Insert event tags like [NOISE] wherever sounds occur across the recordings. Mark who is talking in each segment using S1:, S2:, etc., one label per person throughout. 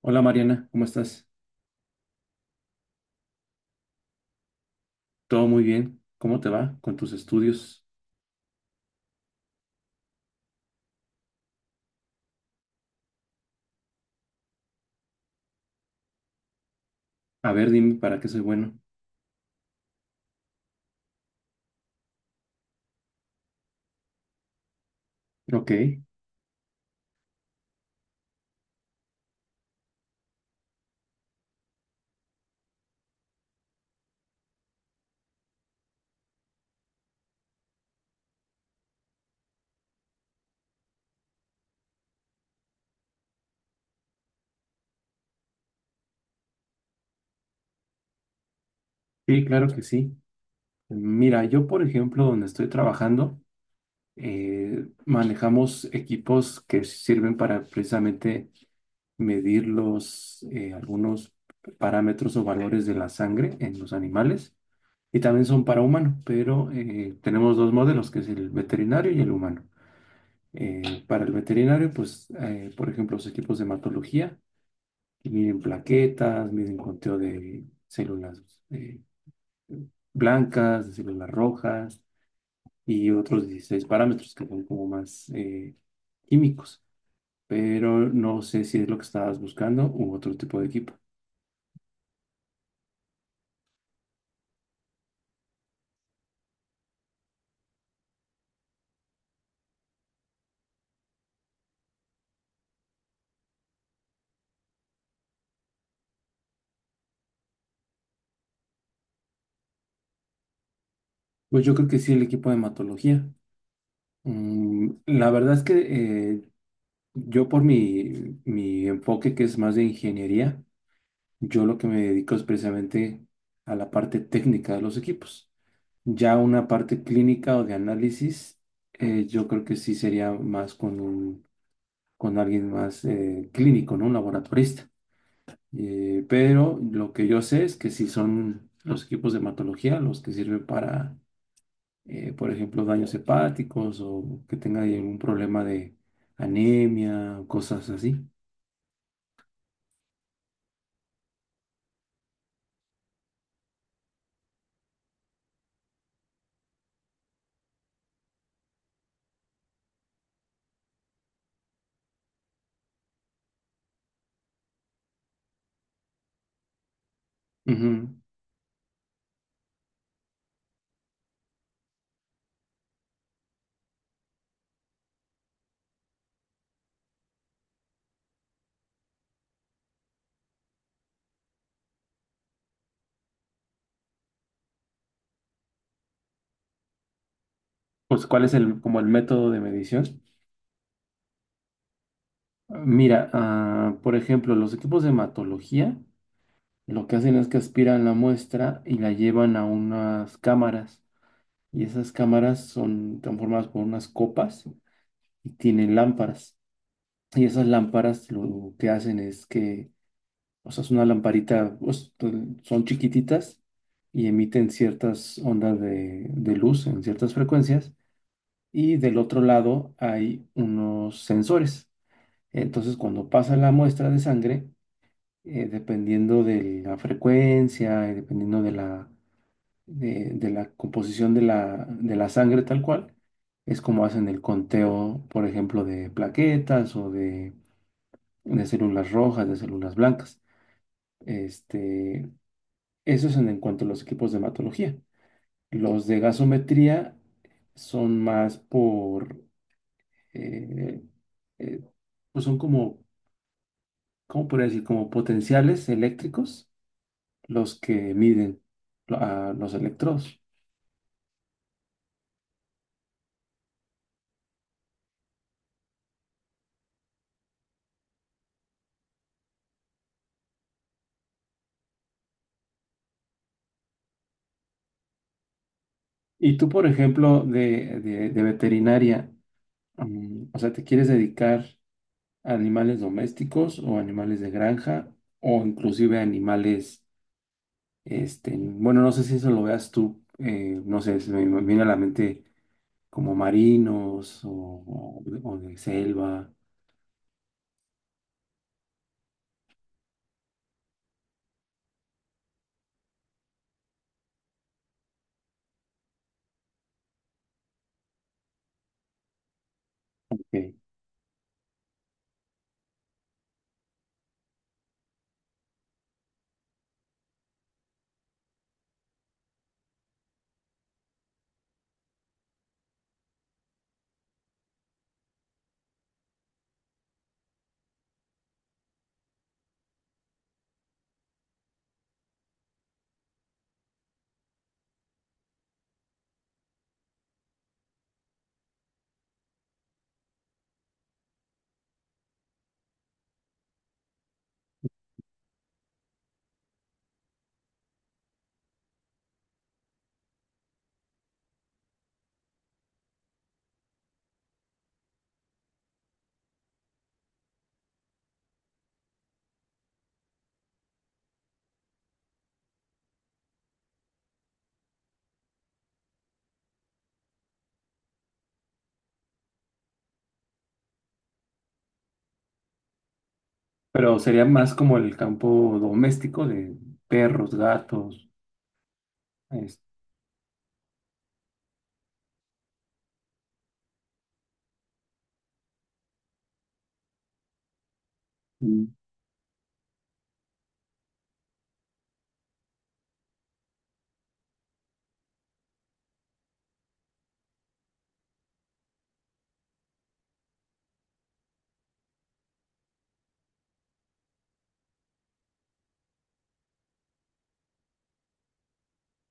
S1: Hola Mariana, ¿cómo estás? Todo muy bien. ¿Cómo te va con tus estudios? A ver, dime para qué soy bueno. Ok, sí, claro que sí. Mira, yo por ejemplo, donde estoy trabajando, manejamos equipos que sirven para precisamente medir algunos parámetros o valores de la sangre en los animales y también son para humano, pero tenemos dos modelos, que es el veterinario y el humano. Para el veterinario, por ejemplo, los equipos de hematología que miden plaquetas, miden conteo de células eh, blancas, de células rojas y otros 16 parámetros que son como más químicos. Pero no sé si es lo que estabas buscando u otro tipo de equipo. Pues yo creo que sí, el equipo de hematología. Mm, la verdad es que yo por mi enfoque que es más de ingeniería, yo lo que me dedico es precisamente a la parte técnica de los equipos. Ya una parte clínica o de análisis, yo creo que sí sería más con alguien más clínico, ¿no? Un laboratorista. Pero lo que yo sé es que sí son los equipos de hematología los que sirven para, por ejemplo, daños hepáticos o que tenga ahí algún problema de anemia, cosas así. Ujú. Pues, ¿cuál es como el método de medición? Mira, por ejemplo, los equipos de hematología. Lo que hacen es que aspiran la muestra y la llevan a unas cámaras. Y esas cámaras son transformadas por unas copas y tienen lámparas. Y esas lámparas lo que hacen es que, o sea, es una lamparita, pues, son chiquititas y emiten ciertas ondas de luz en ciertas frecuencias. Y del otro lado hay unos sensores. Entonces, cuando pasa la muestra de sangre, dependiendo de la frecuencia y dependiendo de la de la composición de de la sangre tal cual. Es como hacen el conteo, por ejemplo, de plaquetas de células rojas, de células blancas. Este, eso es en cuanto a los equipos de hematología. Los de gasometría son más por, eh, eh, pues son como, ¿cómo podría decir? Como potenciales eléctricos los que miden a los electrodos. Y tú, por ejemplo, de veterinaria, o sea, ¿te quieres dedicar a animales domésticos o animales de granja o inclusive a animales, este, bueno, no sé si eso lo veas tú, no sé, se me viene a la mente como marinos o de selva, ok. Pero sería más como el campo doméstico de perros, gatos, este, Mm.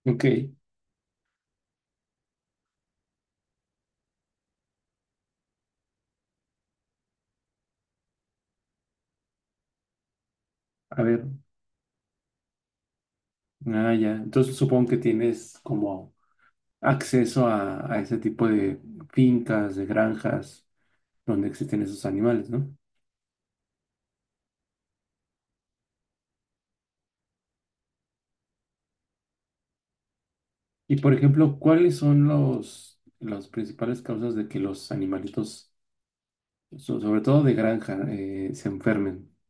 S1: Ok, a ver, ya, entonces supongo que tienes como... acceso a ese tipo de fincas, de granjas donde existen esos animales, ¿no? Y por ejemplo, ¿cuáles son las principales causas de que los animalitos, sobre todo de granja, se enfermen? [LAUGHS]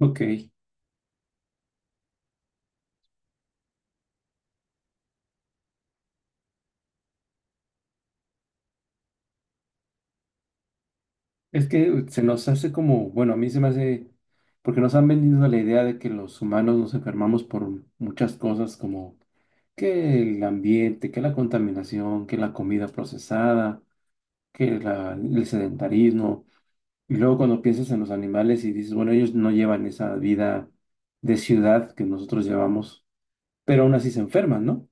S1: Ok, es que se nos hace como, bueno, a mí se me hace, porque nos han vendido la idea de que los humanos nos enfermamos por muchas cosas como que el ambiente, que la contaminación, que la comida procesada, el sedentarismo. Y luego cuando piensas en los animales y dices, bueno, ellos no llevan esa vida de ciudad que nosotros llevamos, pero aún así se enferman, ¿no?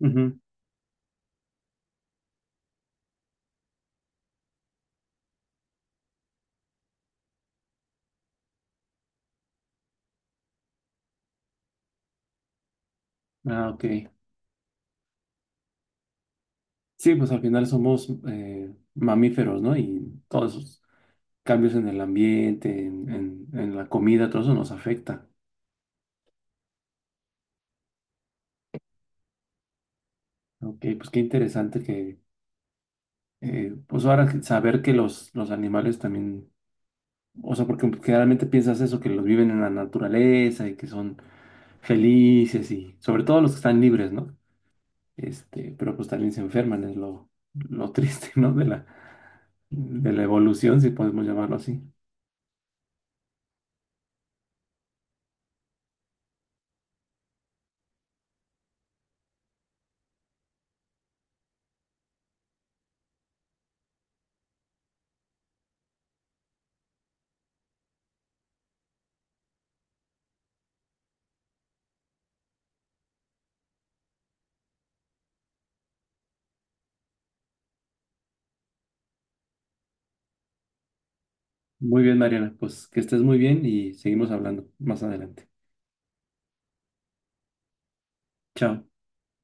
S1: Ujú. Ah, ok. Sí, pues al final somos mamíferos, ¿no? Y todos esos cambios en el ambiente, en la comida, todo eso nos afecta. Ok, pues qué interesante que, pues saber que los animales también, o sea, porque generalmente piensas eso, que los viven en la naturaleza y que son felices y sobre todo los que están libres, ¿no? Este, pero pues también se enferman, es lo triste, [LAUGHS] ¿no? De de la evolución, si podemos llamarlo así. Muy bien, Mariana, pues que estés muy bien y seguimos hablando más adelante. Chao.